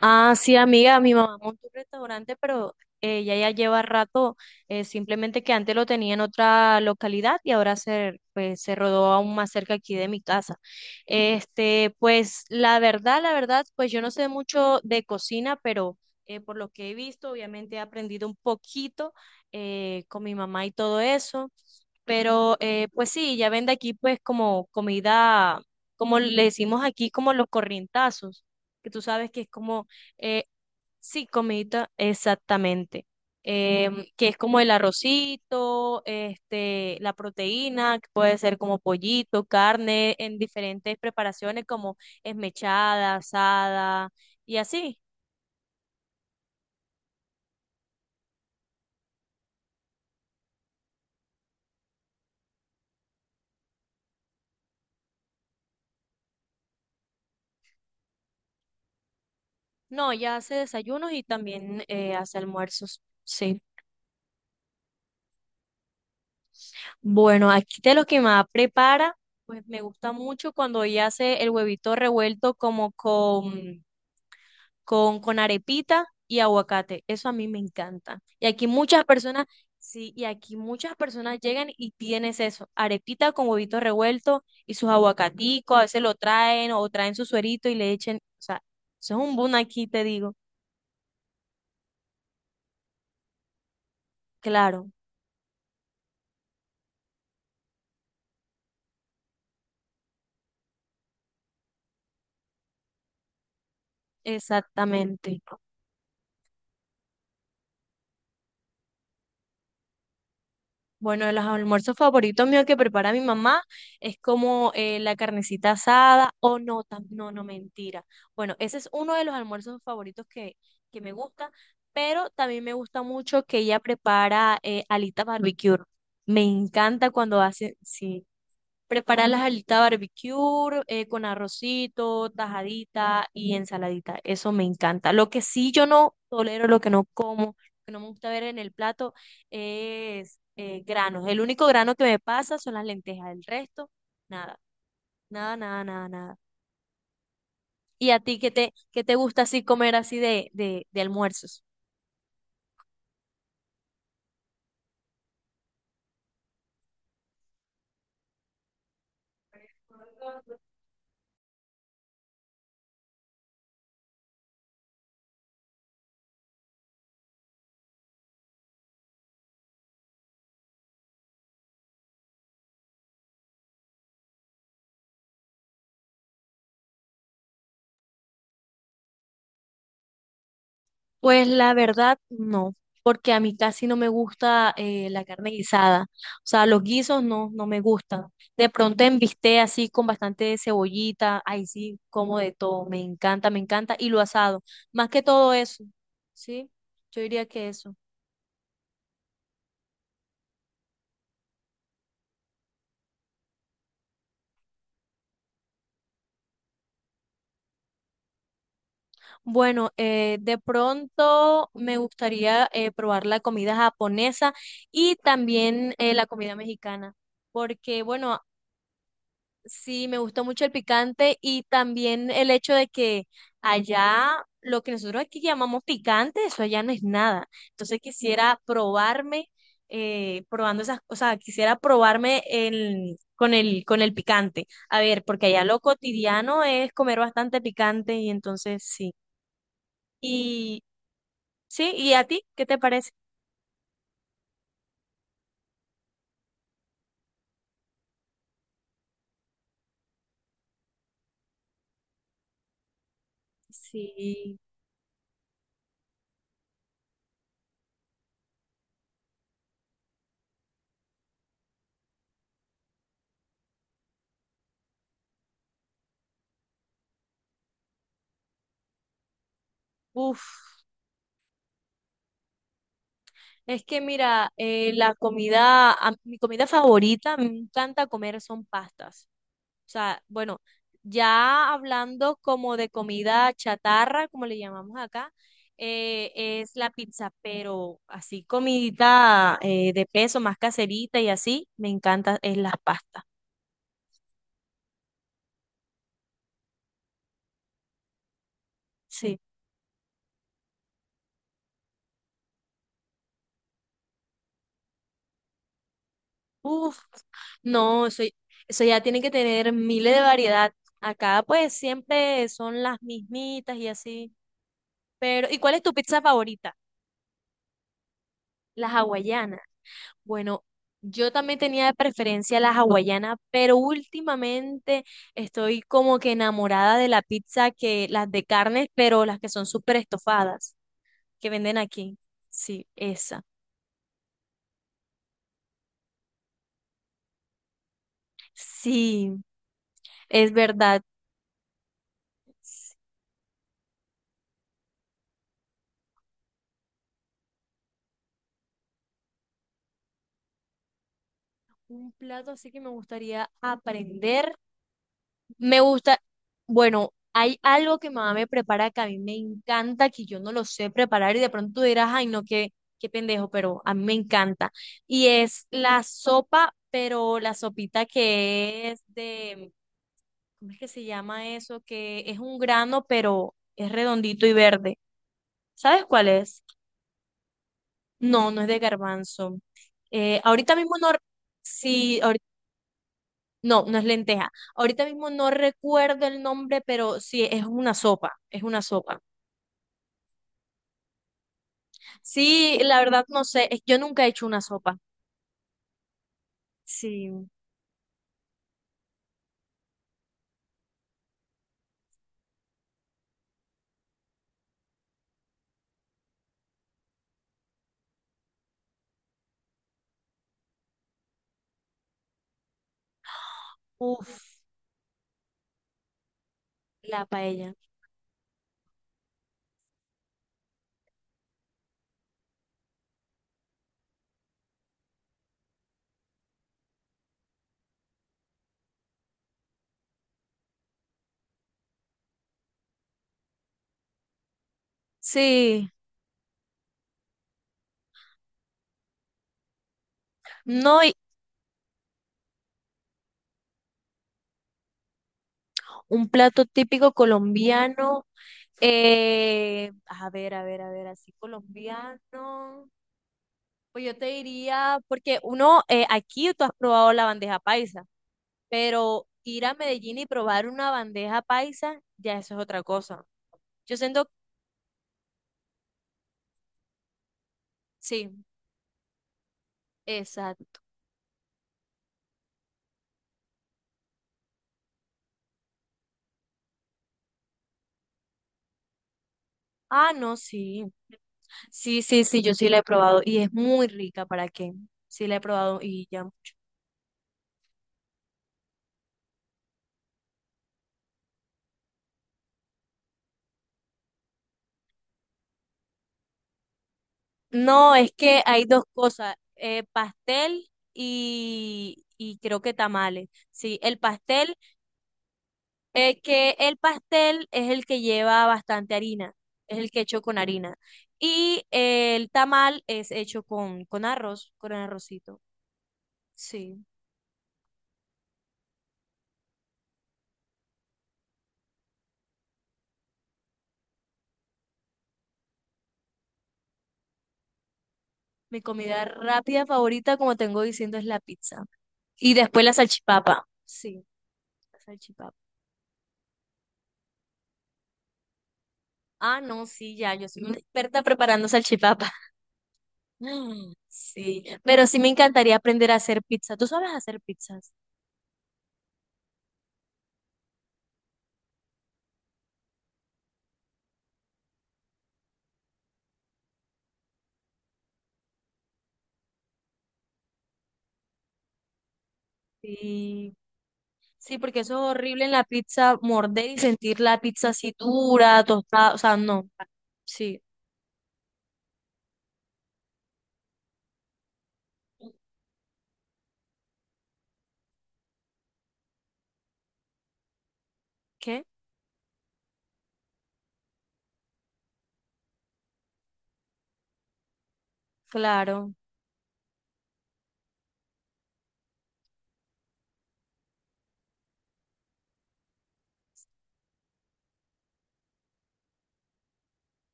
Ah, sí, amiga, mi mamá montó un restaurante, pero ella ya lleva rato, simplemente que antes lo tenía en otra localidad y ahora se, pues, se rodó aún más cerca aquí de mi casa. Este, pues la verdad, pues yo no sé mucho de cocina, pero por lo que he visto, obviamente he aprendido un poquito con mi mamá y todo eso, pero pues sí, ya vende aquí pues como comida, como le decimos aquí, como los corrientazos que tú sabes que es como eh, sí, comidita, exactamente. Que es como el arrocito, este, la proteína, que puede ser como pollito, carne, en diferentes preparaciones como esmechada, asada y así. No, ella hace desayunos y también hace almuerzos. Sí. Bueno, aquí de lo que más prepara, pues me gusta mucho cuando ella hace el huevito revuelto como con con arepita y aguacate. Eso a mí me encanta. Y aquí muchas personas, sí, y aquí muchas personas llegan y tienes eso, arepita con huevito revuelto y sus aguacaticos, a veces lo traen o traen su suerito y le echen, o sea, eso es un boom aquí, te digo. Claro, exactamente. Bueno, de los almuerzos favoritos míos que prepara mi mamá es como la carnecita asada o no, no, no, mentira. Bueno, ese es uno de los almuerzos favoritos que me gusta, pero también me gusta mucho que ella prepara alitas barbecue. Me encanta cuando hace, sí, preparar las alitas barbecue con arrocito, tajadita y ensaladita. Eso me encanta. Lo que sí yo no tolero, lo que no como, lo que no me gusta ver en el plato es granos. El único grano que me pasa son las lentejas. El resto, nada, nada, nada, nada, nada. ¿Y a ti qué te gusta así comer así de almuerzos? Pues la verdad, no, porque a mí casi no me gusta la carne guisada. O sea, los guisos no, no me gustan. De pronto en bistec así con bastante cebollita, ahí sí, como de todo. Me encanta, me encanta. Y lo asado, más que todo eso, ¿sí? Yo diría que eso. Bueno, de pronto me gustaría probar la comida japonesa y también la comida mexicana. Porque, bueno, sí, me gustó mucho el picante y también el hecho de que allá lo que nosotros aquí llamamos picante, eso allá no es nada. Entonces quisiera probarme, probando esas cosas, quisiera probarme el, con el, con el picante. A ver, porque allá lo cotidiano es comer bastante picante y entonces sí. Y sí, ¿y a ti qué te parece? Sí, uff. Es que mira, la comida, mi comida favorita, me encanta comer son pastas. O sea, bueno, ya hablando como de comida chatarra, como le llamamos acá, es la pizza, pero así comidita de peso, más caserita y así, me encanta, es las pastas. Sí. Uf, no, eso ya tiene que tener miles de variedad. Acá pues siempre son las mismitas y así. Pero, ¿y cuál es tu pizza favorita? La hawaiana. Bueno, yo también tenía de preferencia la hawaiana, pero últimamente estoy como que enamorada de la pizza que las de carnes, pero las que son súper estofadas, que venden aquí. Sí, esa. Sí, es verdad. Sí, un plato así que me gustaría aprender. Me gusta, bueno, hay algo que mamá me prepara que a mí me encanta, que yo no lo sé preparar y de pronto tú dirás, ay, no, qué, qué pendejo, pero a mí me encanta. Y es la sopa, pero la sopita que es de, ¿cómo es que se llama eso? Que es un grano, pero es redondito y verde. ¿Sabes cuál es? No, no es de garbanzo. Ahorita mismo no, sí, no, no es lenteja. Ahorita mismo no recuerdo el nombre, pero sí, es una sopa, es una sopa. Sí, la verdad no sé. Yo nunca he hecho una sopa. Sí. Uff, la paella. Sí. No, y un plato típico colombiano. A ver, a ver, a ver, así colombiano. Pues yo te diría, porque uno, aquí tú has probado la bandeja paisa, pero ir a Medellín y probar una bandeja paisa, ya eso es otra cosa. Yo siento, sí, exacto. Ah, no, sí. Sí, sí, sí, yo sí la he probado y es muy rica, ¿para qué? Sí la he probado y ya. No, es que hay dos cosas, pastel y creo que tamales. Sí, el pastel, que el pastel es el que lleva bastante harina, es el que hecho con harina. Y el tamal es hecho con arroz, con arrocito. Sí, mi comida rápida favorita, como tengo diciendo, es la pizza. Y después la salchipapa. Sí, la salchipapa. Ah, no, sí, ya, yo soy una experta preparando salchipapa. Mm, sí, pero sí me encantaría aprender a hacer pizza. ¿Tú sabes hacer pizzas? Sí, sí, porque eso es horrible en la pizza, morder y sentir la pizza así dura, tostada, o sea, no. Sí. ¿Qué? Claro.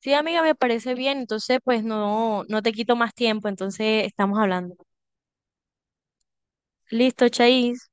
Sí, amiga, me parece bien, entonces pues no, no te quito más tiempo, entonces estamos hablando. Listo, Chais.